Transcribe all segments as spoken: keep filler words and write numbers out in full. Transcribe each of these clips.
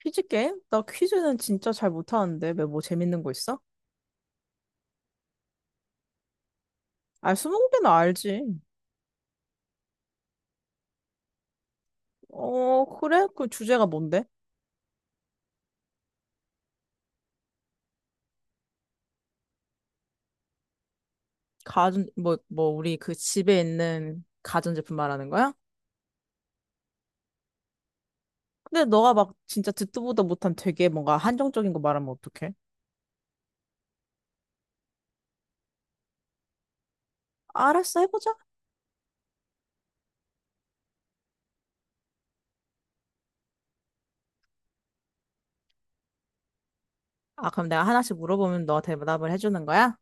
퀴즈 게임? 나 퀴즈는 진짜 잘 못하는데 왜 뭐 재밌는 거 있어? 아, 스무고개는 알지. 어, 그래? 그 주제가 뭔데? 가전, 뭐, 뭐, 우리 그 집에 있는 가전제품 말하는 거야? 근데 너가 막 진짜 듣도 보도 못한 되게 뭔가 한정적인 거 말하면 어떡해? 알았어, 해보자. 아, 그럼 내가 하나씩 물어보면 너 대답을 해주는 거야?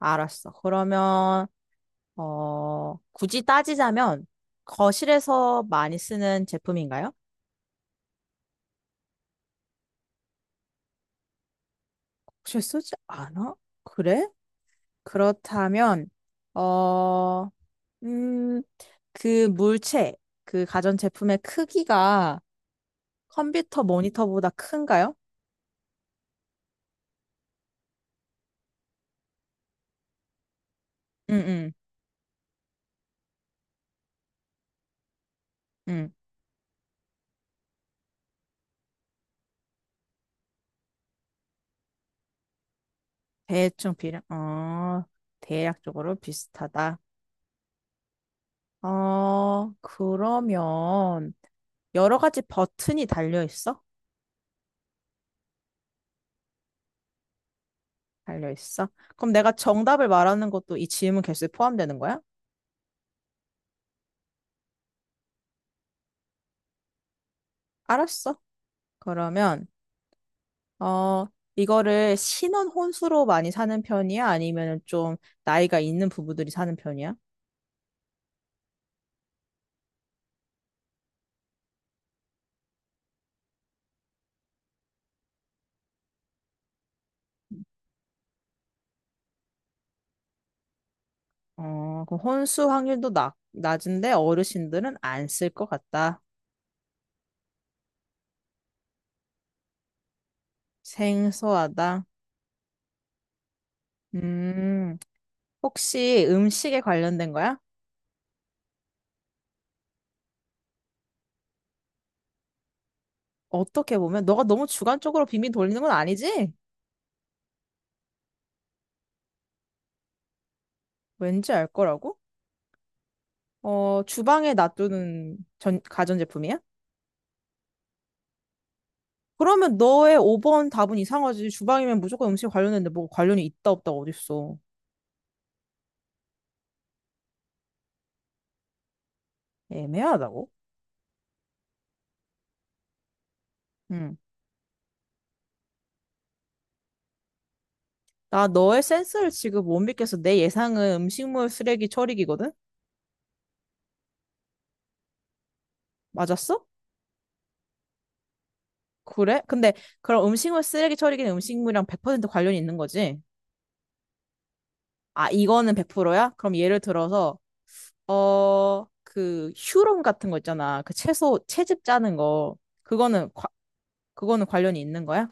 알았어. 그러면, 어, 굳이 따지자면 거실에서 많이 쓰는 제품인가요? 거실 쓰지 않아? 그래? 그렇다면, 어, 음, 그 물체, 그 가전제품의 크기가 컴퓨터 모니터보다 큰가요? 응, 응, 응. 대충 비례, 어, 대략적으로 비슷하다. 어, 그러면, 여러 가지 버튼이 달려 있어? 달려 있어? 그럼 내가 정답을 말하는 것도 이 질문 개수에 포함되는 거야? 알았어. 그러면, 어, 이거를 신혼 혼수로 많이 사는 편이야? 아니면 좀 나이가 있는 부부들이 사는 편이야? 어, 그럼 혼수 확률도 낮, 낮은데 어르신들은 안 쓸 것 같다. 생소하다. 음, 혹시 음식에 관련된 거야? 어떻게 보면 너가 너무 주관적으로 빙빙 돌리는 건 아니지? 왠지 알 거라고? 어, 주방에 놔두는 전, 가전제품이야? 그러면 너의 오 번 답은 이상하지. 주방이면 무조건 음식 관련했는데 뭐 관련이 있다 없다 어딨어. 애매하다고? 응. 나 너의 센스를 지금 못 믿겠어. 내 예상은 음식물 쓰레기 처리기거든? 맞았어? 그래? 근데 그럼 음식물 쓰레기 처리기는 음식물이랑 백 퍼센트 관련이 있는 거지? 아, 이거는 백 프로야? 그럼 예를 들어서 어, 그 휴롬 같은 거 있잖아. 그 채소 채즙 짜는 거. 그거는 과- 그거는 관련이 있는 거야?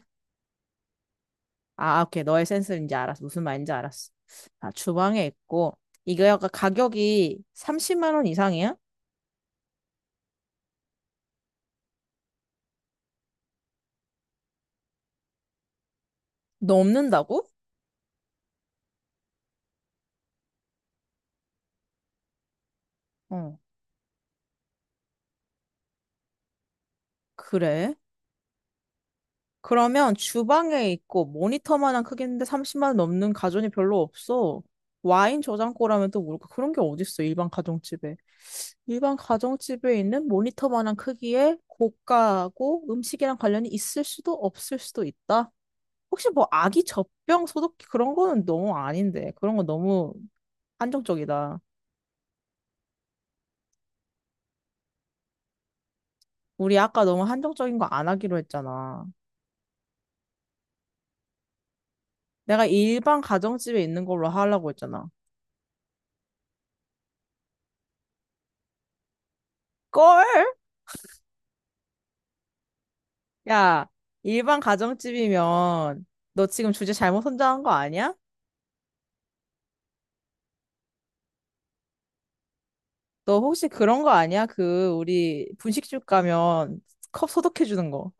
아, 오케이. 너의 센스인지 알았어. 무슨 말인지 알았어. 아, 주방에 있고 이거 약간 가격이 삼십만 원 이상이야? 넘는다고? 어. 그래? 그러면 주방에 있고 모니터만한 크기인데 삼십만 원 넘는 가전이 별로 없어. 와인 저장고라면 또 모를까? 그런 게 어딨어, 일반 가정집에. 일반 가정집에 있는 모니터만한 크기의 고가하고 음식이랑 관련이 있을 수도 없을 수도 있다. 혹시 뭐 아기 젖병 소독기 그런 거는 너무 아닌데. 그런 거 너무 한정적이다. 우리 아까 너무 한정적인 거 안 하기로 했잖아. 내가 일반 가정집에 있는 걸로 하려고 했잖아. 걸! 야, 일반 가정집이면 너 지금 주제 잘못 선정한 거 아니야? 너 혹시 그런 거 아니야? 그 우리 분식집 가면 컵 소독해 주는 거.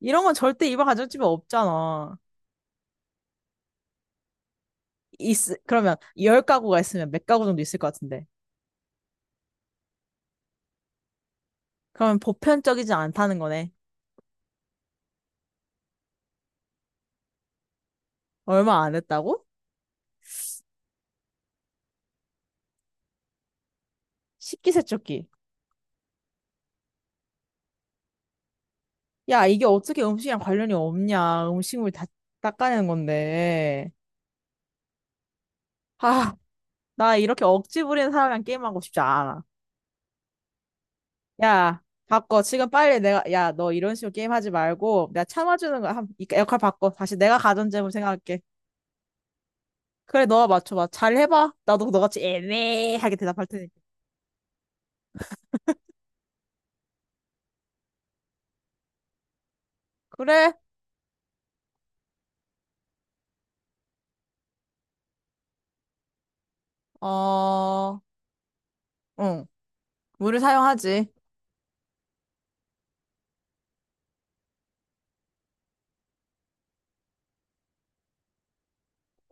이런 건 절대 일반 가정집에 없잖아. 있, 그러면 열 가구가 있으면 몇 가구 정도 있을 것 같은데. 그러면 보편적이지 않다는 거네. 얼마 안 했다고? 식기 세척기. 야, 이게 어떻게 음식이랑 관련이 없냐. 음식물 다 닦아내는 건데. 아, 나 이렇게 억지 부리는 사람이랑 게임하고 싶지 않아. 야, 바꿔. 지금 빨리 내가, 야, 너 이런 식으로 게임하지 말고, 내가 참아주는 거야. 한- 이 역할 바꿔. 다시 내가 가전제물 생각할게. 그래, 너가 맞춰봐. 잘 해봐. 나도 너같이 애매하게 대답할 테니까. 그래, 어, 응. 물을 사용하지.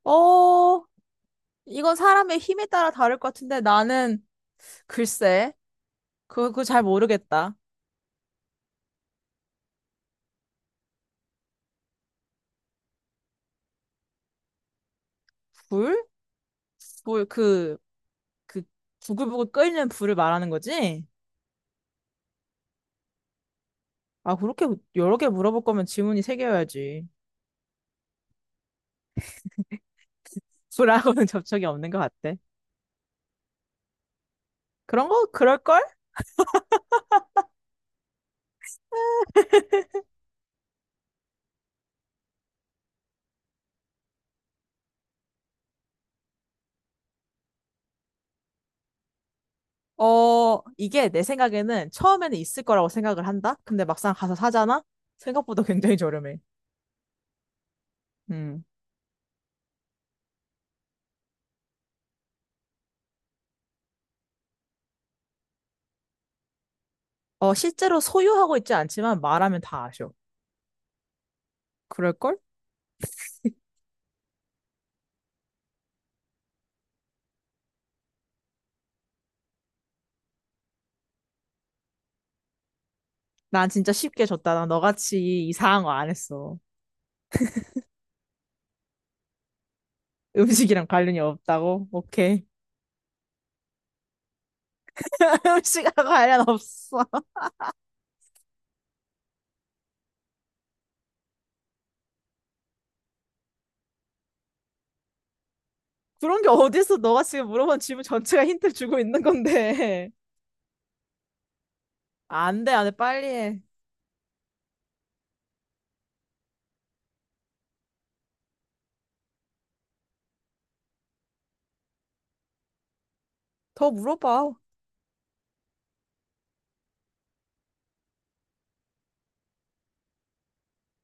어, 이건 사람의 힘에 따라 다를 것 같은데, 나는, 글쎄, 그거, 그거 잘 모르겠다. 불? 불, 그, 그, 부글부글 끓는 불을 말하는 거지? 아, 그렇게 여러 개 물어볼 거면 지문이 세 개여야지. 불하고는 접촉이 없는 것 같아. 그런 거 그럴걸? 어, 이게 내 생각에는 처음에는 있을 거라고 생각을 한다? 근데 막상 가서 사잖아? 생각보다 굉장히 저렴해. 음. 어, 실제로 소유하고 있지 않지만 말하면 다 아셔. 그럴걸? 난 진짜 쉽게 줬다. 난 너같이 이상한 거 안 했어. 음식이랑 관련이 없다고? 오케이. 음식하고 관련 없어. 그런 게 어딨어. 너가 지금 물어본 질문 전체가 힌트를 주고 있는 건데. 안 돼, 안 돼. 빨리 해. 더 물어봐.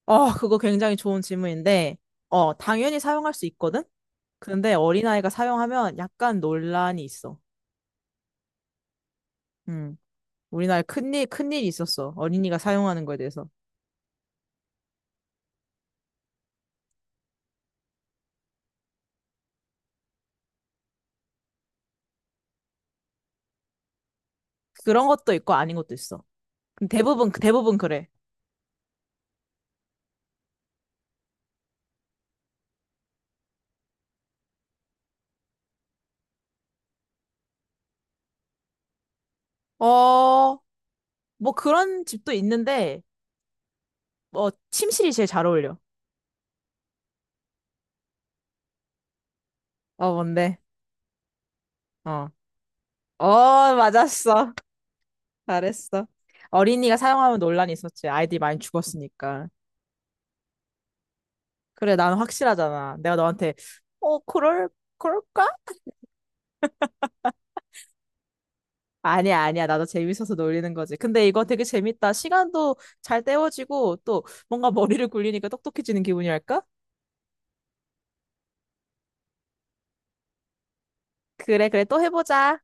어, 그거 굉장히 좋은 질문인데, 어, 당연히 사용할 수 있거든? 근데 어린아이가 사용하면 약간 논란이 있어. 음, 우리나라에 큰일, 큰일이 있었어. 어린이가 사용하는 거에 대해서. 그런 것도 있고 아닌 것도 있어. 근데 대부분, 대부분 그래. 어, 뭐 그런 집도 있는데, 뭐, 침실이 제일 잘 어울려. 어, 뭔데? 어. 어, 맞았어. 잘했어. 어린이가 사용하면 논란이 있었지. 아이들이 많이 죽었으니까. 그래, 난 확실하잖아. 내가 너한테, 어, 그럴, 그럴까? 아니야, 아니야. 나도 재밌어서 놀리는 거지. 근데 이거 되게 재밌다. 시간도 잘 때워지고, 또 뭔가 머리를 굴리니까 똑똑해지는 기분이랄까? 그래, 그래. 또 해보자.